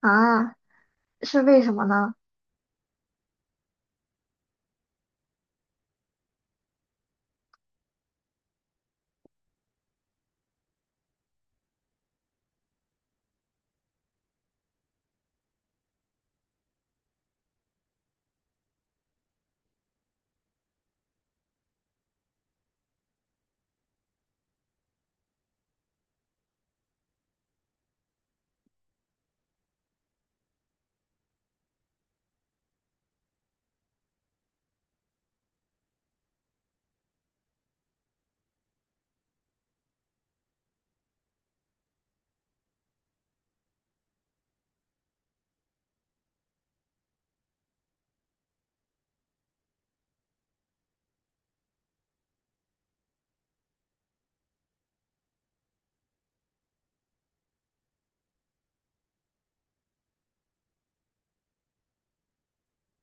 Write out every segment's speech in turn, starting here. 啊，是为什么呢？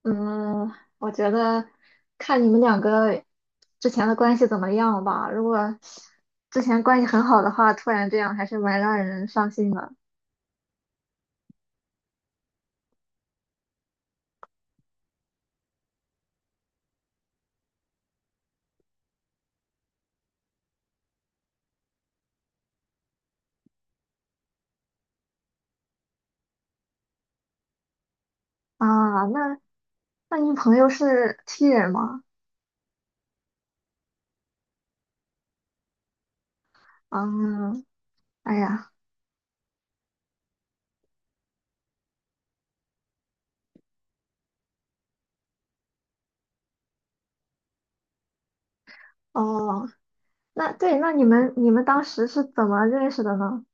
嗯，我觉得看你们两个之前的关系怎么样吧。如果之前关系很好的话，突然这样还是蛮让人伤心的啊。那你朋友是 T 人吗？嗯，哎呀，哦，那对，那你们当时是怎么认识的呢？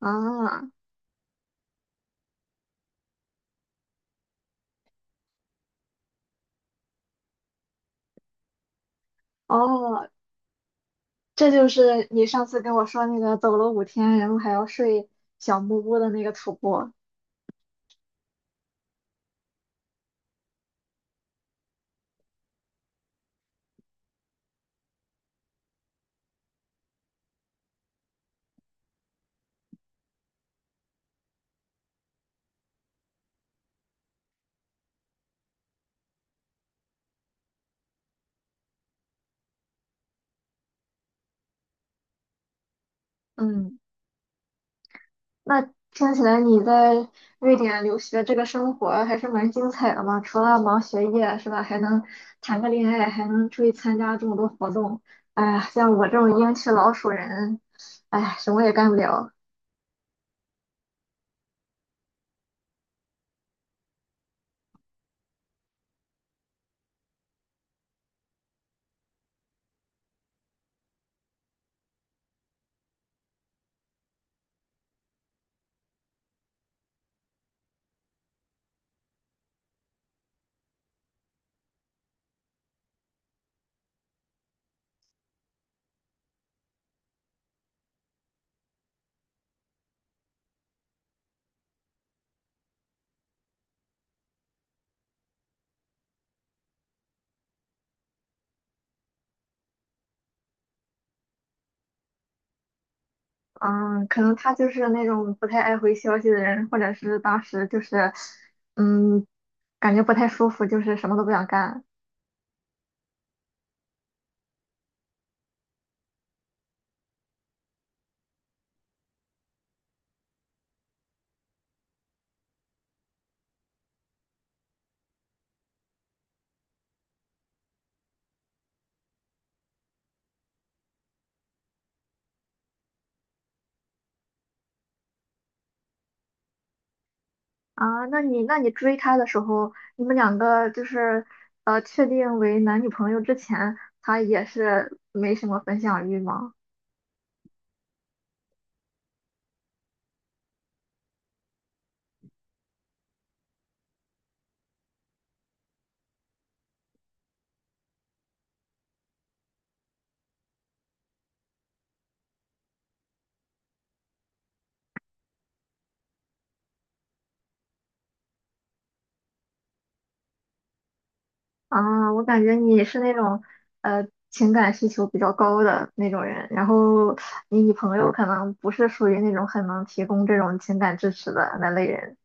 啊，哦，这就是你上次跟我说那个走了5天，然后还要睡小木屋的那个徒步。嗯。那听起来你在瑞典留学这个生活还是蛮精彩的嘛，除了忙学业是吧，还能谈个恋爱，还能出去参加这么多活动。哎呀，像我这种英气老鼠人，哎，什么也干不了。嗯，可能他就是那种不太爱回消息的人，或者是当时就是，嗯，感觉不太舒服，就是什么都不想干。啊，那你追他的时候，你们两个就是确定为男女朋友之前，他也是没什么分享欲吗？啊，我感觉你是那种情感需求比较高的那种人，然后你女朋友可能不是属于那种很能提供这种情感支持的那类人。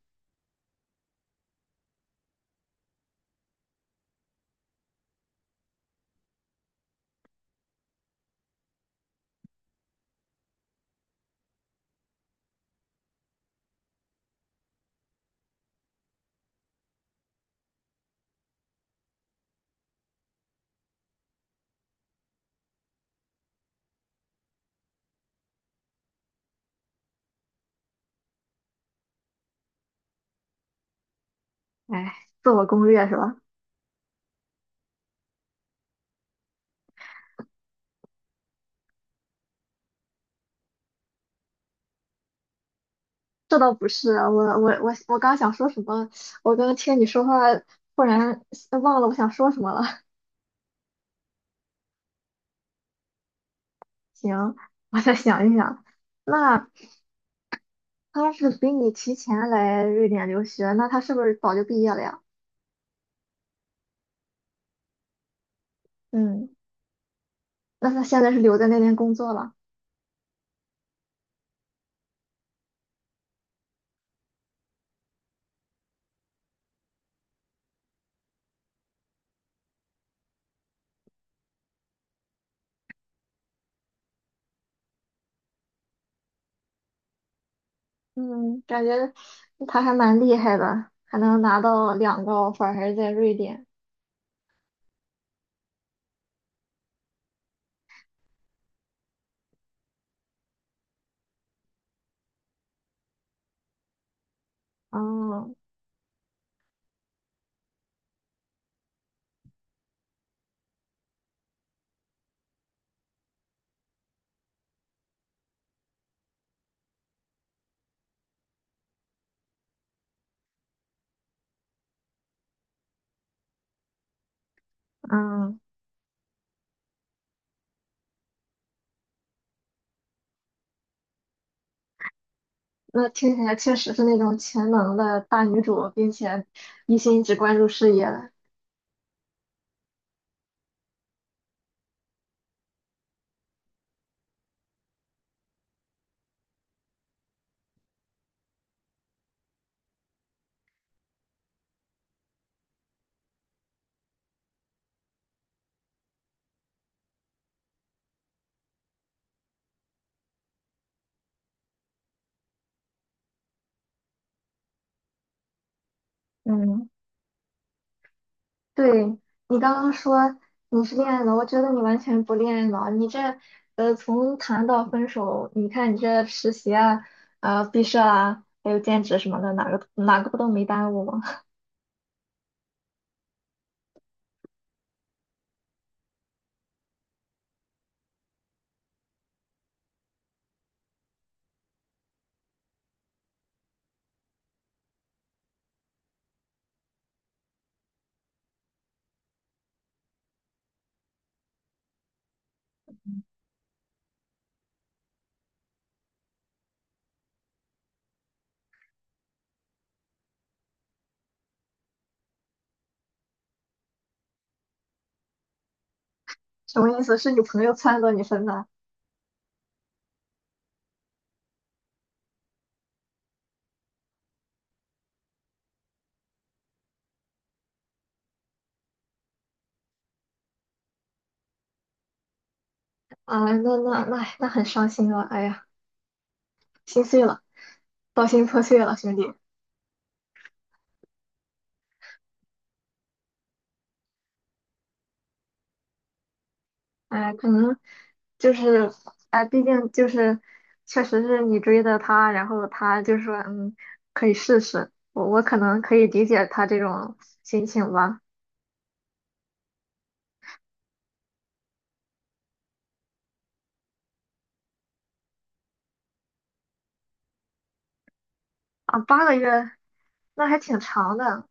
哎，自我攻略是吧？这倒不是，我刚想说什么，我刚听你说话，忽然忘了我想说什么了。行，我再想一想。那他要是比你提前来瑞典留学，那他是不是早就毕业了呀？嗯，那他现在是留在那边工作了？嗯，感觉他还蛮厉害的，还能拿到两个 offer，还是在瑞典。嗯嗯，那听起来确实是那种全能的大女主，并且一心只关注事业的。嗯。对，你刚刚说你是恋爱脑，我觉得你完全不恋爱脑。你这，从谈到分手，你看你这实习啊、毕设啊，还有兼职什么的，哪个不都没耽误吗？什么意思？是你朋友撺掇你分的？啊，那很伤心啊！哎呀，心碎了，道心破碎了，兄弟。哎，可能就是，哎，毕竟就是，确实是你追的他，然后他就说，嗯，可以试试。我可能可以理解他这种心情吧。啊，8个月，那还挺长的。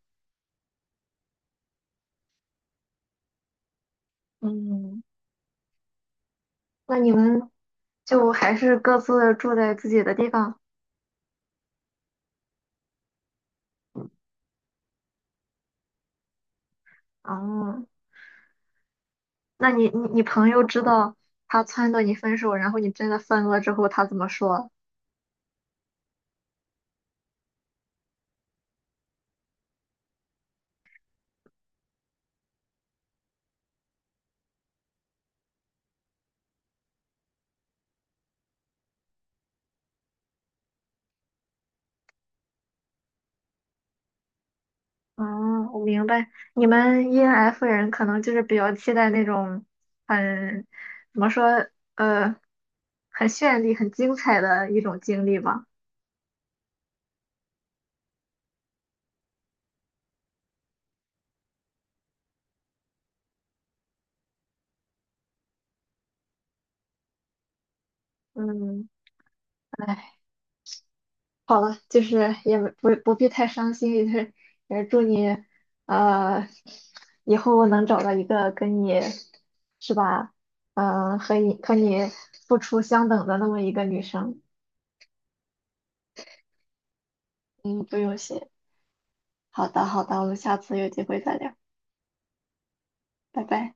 嗯，那你们就还是各自住在自己的地方。哦，那你朋友知道他撺掇你分手，然后你真的分了之后，他怎么说？嗯，我明白，你们 ENF 人可能就是比较期待那种很，怎么说，呃，很绚丽、很精彩的一种经历吧。嗯，哎，好了，就是也没不必太伤心，也祝你，呃，以后能找到一个跟你，是吧？嗯、和你付出相等的那么一个女生。嗯，不用谢。好的，好的，我们下次有机会再聊，拜拜。